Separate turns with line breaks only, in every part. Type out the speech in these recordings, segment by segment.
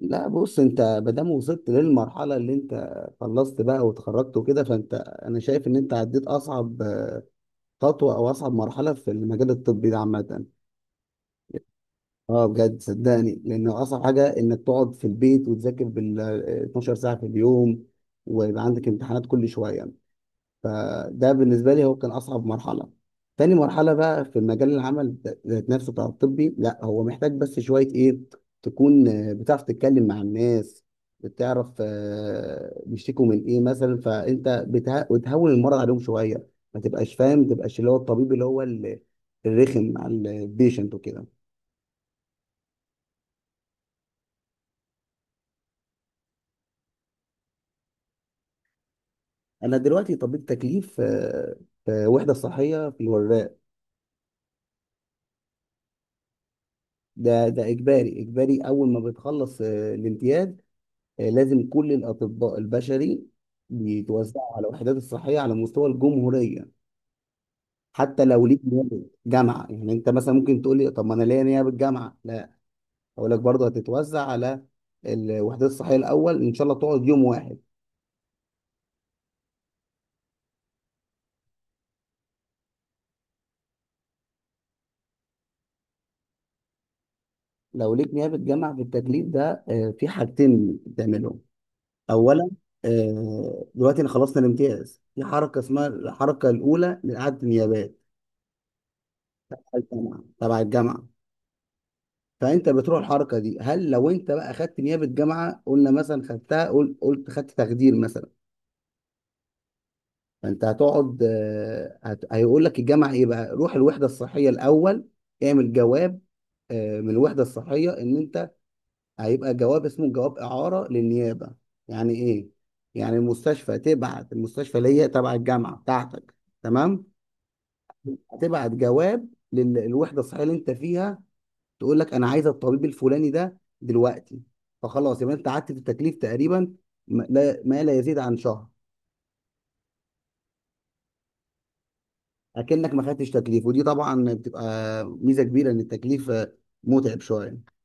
لا، بص. انت ما دام وصلت للمرحله اللي انت خلصت بقى واتخرجت وكده انا شايف ان انت عديت اصعب خطوه او اصعب مرحله في المجال الطبي ده عامه. اه، بجد صدقني، لان اصعب حاجه انك تقعد في البيت وتذاكر بال 12 ساعه في اليوم، ويبقى عندك امتحانات كل شويه. فده بالنسبة لي هو كان أصعب مرحلة. تاني مرحلة بقى في مجال العمل ذات نفسه بتاع الطبي، لا هو محتاج بس شوية إيه، تكون بتعرف تتكلم مع الناس، بتعرف بيشتكوا من إيه مثلا، فأنت بتهون المرض عليهم شوية. ما تبقاش فاهم، ما تبقاش اللي هو الطبيب اللي هو الرخم على البيشنت وكده. أنا دلوقتي طبيب تكليف، في وحدة صحية في الوراق. ده إجباري إجباري، أول ما بتخلص الامتياز. لازم كل الأطباء البشري بيتوزعوا على الوحدات الصحية على مستوى الجمهورية. حتى لو ليك نيابة جامعة، يعني أنت مثلا ممكن تقول لي طب ما أنا ليا نيابة جامعة، لا أقول لك برضه هتتوزع على الوحدات الصحية الأول. إن شاء الله تقعد يوم واحد. لو ليك نيابة جامعة في التكليف ده، في حاجتين بتعملهم. أولا، دلوقتي أنا خلصنا الامتياز في حركة اسمها الحركة الأولى لإعادة النيابات تبع الجامعة تبع الجامعة. فانت بتروح الحركه دي. هل لو انت بقى خدت نيابه جامعه، قلنا مثلا خدتها، قلت خدت تخدير مثلا، فانت هتقعد، هيقول لك الجامعه ايه بقى، روح الوحده الصحيه الاول، اعمل جواب من الوحده الصحيه ان انت، هيبقى جواب اسمه جواب اعاره للنيابه. يعني ايه؟ يعني المستشفى تبعت المستشفى اللي هي تبع الجامعه بتاعتك، تمام، هتبعت جواب للوحده الصحيه اللي انت فيها، تقول لك انا عايزه الطبيب الفلاني ده دلوقتي. فخلاص يبقى انت قعدت في التكليف تقريبا ما لا يزيد عن شهر. اكنك ما خدتش تكليف، ودي طبعا بتبقى ميزه كبيره ان التكليف متعب شويه.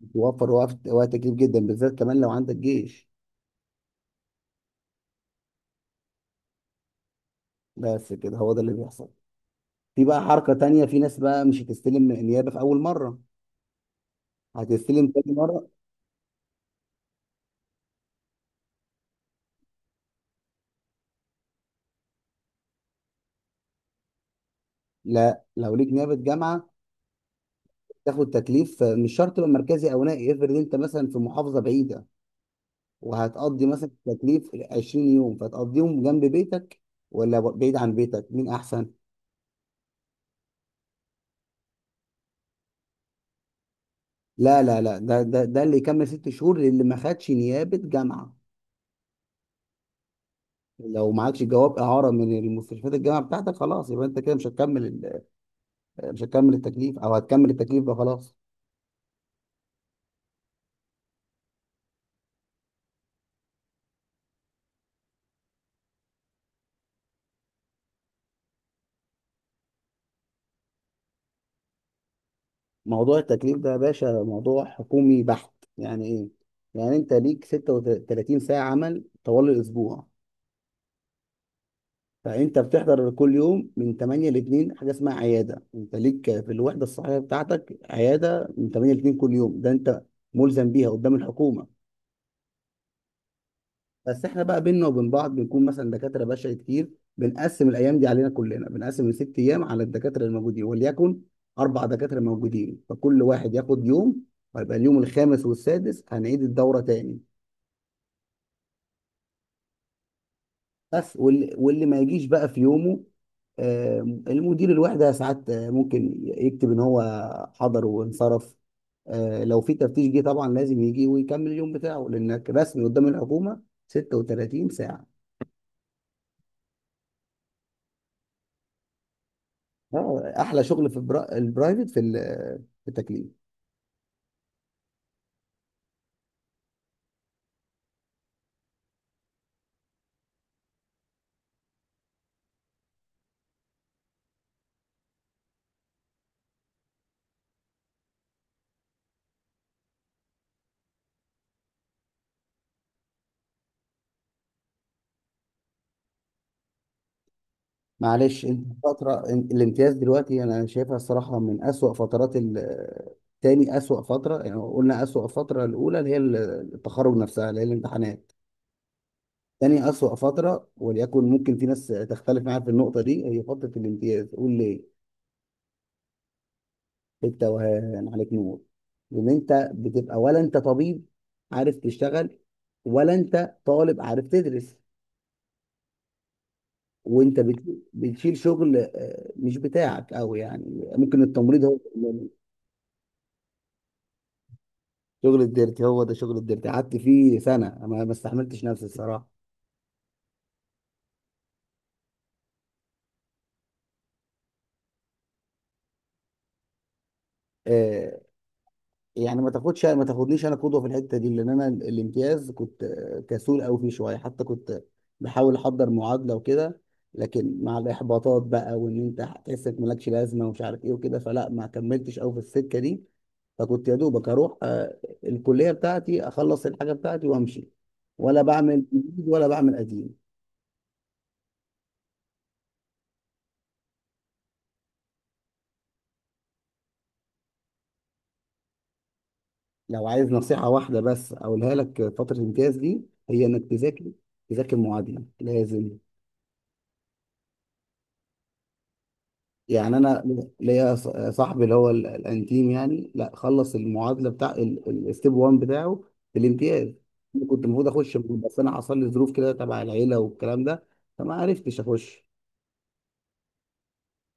بيوفر وقت، وقت كتير جدا، بالذات كمان لو عندك جيش. بس كده هو ده اللي بيحصل. في بقى حركه تانية، في ناس بقى مش هتستلم نيابه في اول مره، هتستلم تاني مره. لا، لو ليك نيابه جامعه تاخد تكليف، مش شرط يبقى مركزي او نائي. افرض انت مثلا في محافظه بعيده، وهتقضي مثلا تكليف 20 يوم، فتقضيهم جنب بيتك ولا بعيد عن بيتك، مين احسن؟ لا، لا، لا، ده اللي يكمل ست شهور اللي ما خدش نيابة جامعة. لو معكش جواب إعارة من المستشفيات الجامعة بتاعتك، خلاص يبقى أنت كده مش هتكمل مش هتكمل التكليف، أو هتكمل التكليف ده خلاص. موضوع التكليف ده يا باشا موضوع حكومي بحت. يعني إيه؟ يعني أنت ليك 36 ساعة عمل طوال الأسبوع. فانت بتحضر كل يوم من 8 ل 2، حاجه اسمها عياده، انت ليك في الوحده الصحيه بتاعتك عياده من 8 ل 2 كل يوم، ده انت ملزم بيها قدام الحكومه. بس احنا بقى بينا وبين بعض بنكون مثلا دكاتره بشري كتير، بنقسم الايام دي علينا كلنا، بنقسم الست ايام على الدكاتره الموجودين، وليكن اربع دكاتره موجودين، فكل واحد ياخد يوم، ويبقى اليوم الخامس والسادس هنعيد الدوره تاني. بس واللي ما يجيش بقى في يومه، المدير الوحدة ساعات ممكن يكتب ان هو حضر وانصرف. لو في تفتيش جه طبعا لازم يجي ويكمل اليوم بتاعه، لانك رسمي قدام الحكومة 36 ساعة. احلى شغل في البرايفت في في التكليف. معلش، انت فترة الامتياز دلوقتي انا شايفها الصراحة من اسوأ فترات تاني اسوأ فترة. يعني قلنا اسوأ فترة الاولى اللي هي التخرج نفسها اللي هي الامتحانات. تاني أسوأ فترة، وليكن ممكن في ناس تختلف معايا في النقطة دي، هي فترة الامتياز. قول ليه؟ بالتوهان عليك نور. لأن أنت بتبقى ولا أنت طبيب عارف تشتغل، ولا أنت طالب عارف تدرس. وأنت بتشيل شغل مش بتاعك أوي، يعني ممكن التمريض هو. شغل الديرتي، هو ده شغل الديرتي، قعدت فيه سنة ما استحملتش نفسي الصراحة. آه، يعني ما تاخدنيش انا قدوه في الحته دي، لان انا الامتياز كنت كسول قوي فيه شويه، حتى كنت بحاول احضر معادله وكده. لكن مع الاحباطات بقى، وان انت هتحس انك مالكش لازمه ومش عارف ايه وكده، فلا، ما كملتش قوي في السكه دي. فكنت يا دوبك اروح الكليه بتاعتي، اخلص الحاجه بتاعتي وامشي، ولا بعمل جديد ولا بعمل قديم. لو عايز نصيحه واحده بس اقولها لك في فتره الامتياز دي، هي انك تذاكر، تذاكر معادله لازم. يعني انا ليا صاحبي اللي هو الانتيم يعني، لا خلص المعادله بتاع الستيب 1 بتاعه في الامتياز. أنا كنت المفروظ اخش، بس انا حصل لي ظروف كده تبع العيله والكلام ده، فما عرفتش اخش.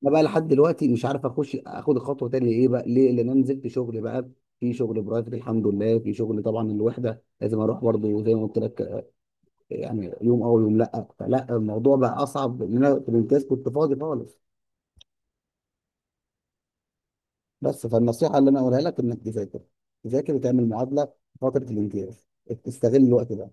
انا بقى لحد دلوقتي مش عارف اخش اخد الخطوه تاني. ايه بقى ليه؟ لان انا نزلت شغل بقى، في شغل برايفت الحمد لله، في شغل طبعا الوحده لازم اروح برضه زي ما قلت لك، يعني يوم او يوم لا، فلا الموضوع بقى اصعب لان انا في الامتياز كنت فاضي خالص. بس فالنصيحه اللي انا اقولها لك انك تذاكر، تذاكر وتعمل معادله في فتره الامتياز، تستغل الوقت ده.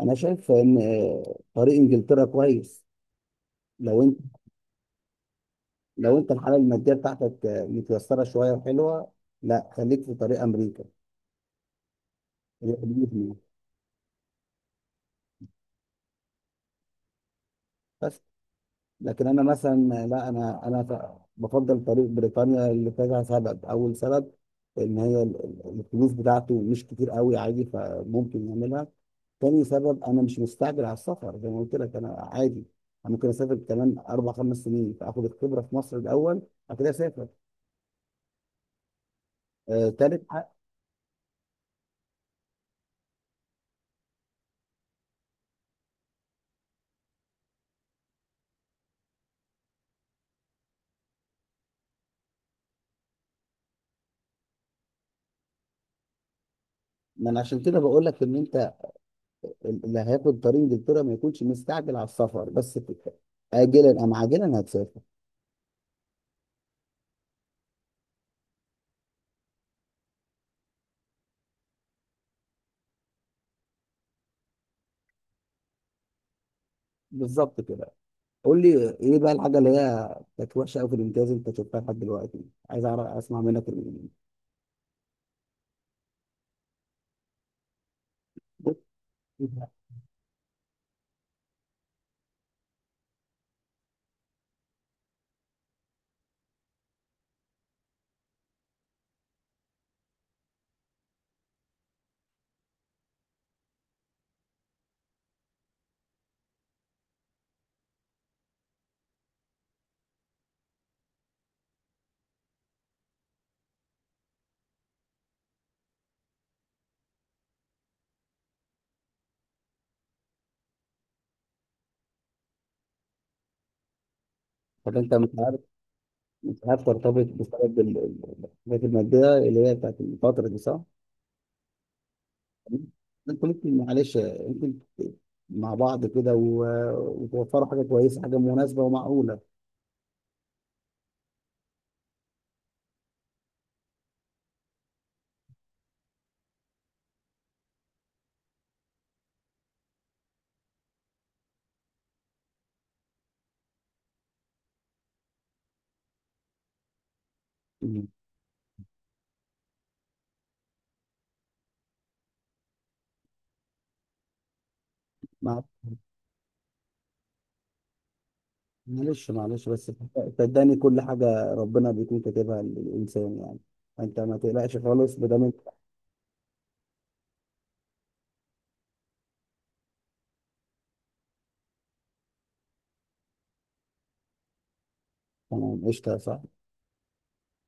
انا شايف ان طريق انجلترا كويس، لو انت لو انت الحاله الماديه بتاعتك متيسره شويه وحلوه، لا خليك في طريق امريكا، هي حدود بس. لكن انا مثلا لا انا بفضل طريق بريطانيا لكذا سبب. اول سبب، ان هي الفلوس بتاعته مش كتير قوي، عادي فممكن يعملها. تاني سبب، انا مش مستعجل على السفر زي ما قلت لك، انا عادي، انا ممكن اسافر كمان اربع خمس سنين، فاخد الخبره في مصر الاول، بعد كده اسافر. آه، تالت حق. ما انا عشان كده بقول لك ان انت اللي هياخد طريق انجلترا ما يكونش مستعجل على السفر، بس كده. اجلا ام عاجلا هتسافر. بالظبط كده. قول لي ايه بقى الحاجه اللي هي كانت وحشه قوي في الامتياز انت شفتها لحد دلوقتي؟ عايز اعرف، اسمع منك بص، طب انت مش عارف ترتبط بسبب الحاجات الماديه اللي هي بتاعت الفتره دي، صح؟ انت ممكن معلش، ممكن مع بعض كده وتوفروا حاجه كويسه، حاجه مناسبه ومعقوله. مم. مع- معلش، معلش بس صدقني كل حاجه ربنا بيكون كاتبها للانسان يعني، انت ما تقلقش خالص ما دام انت، تمام، قشطه، صح.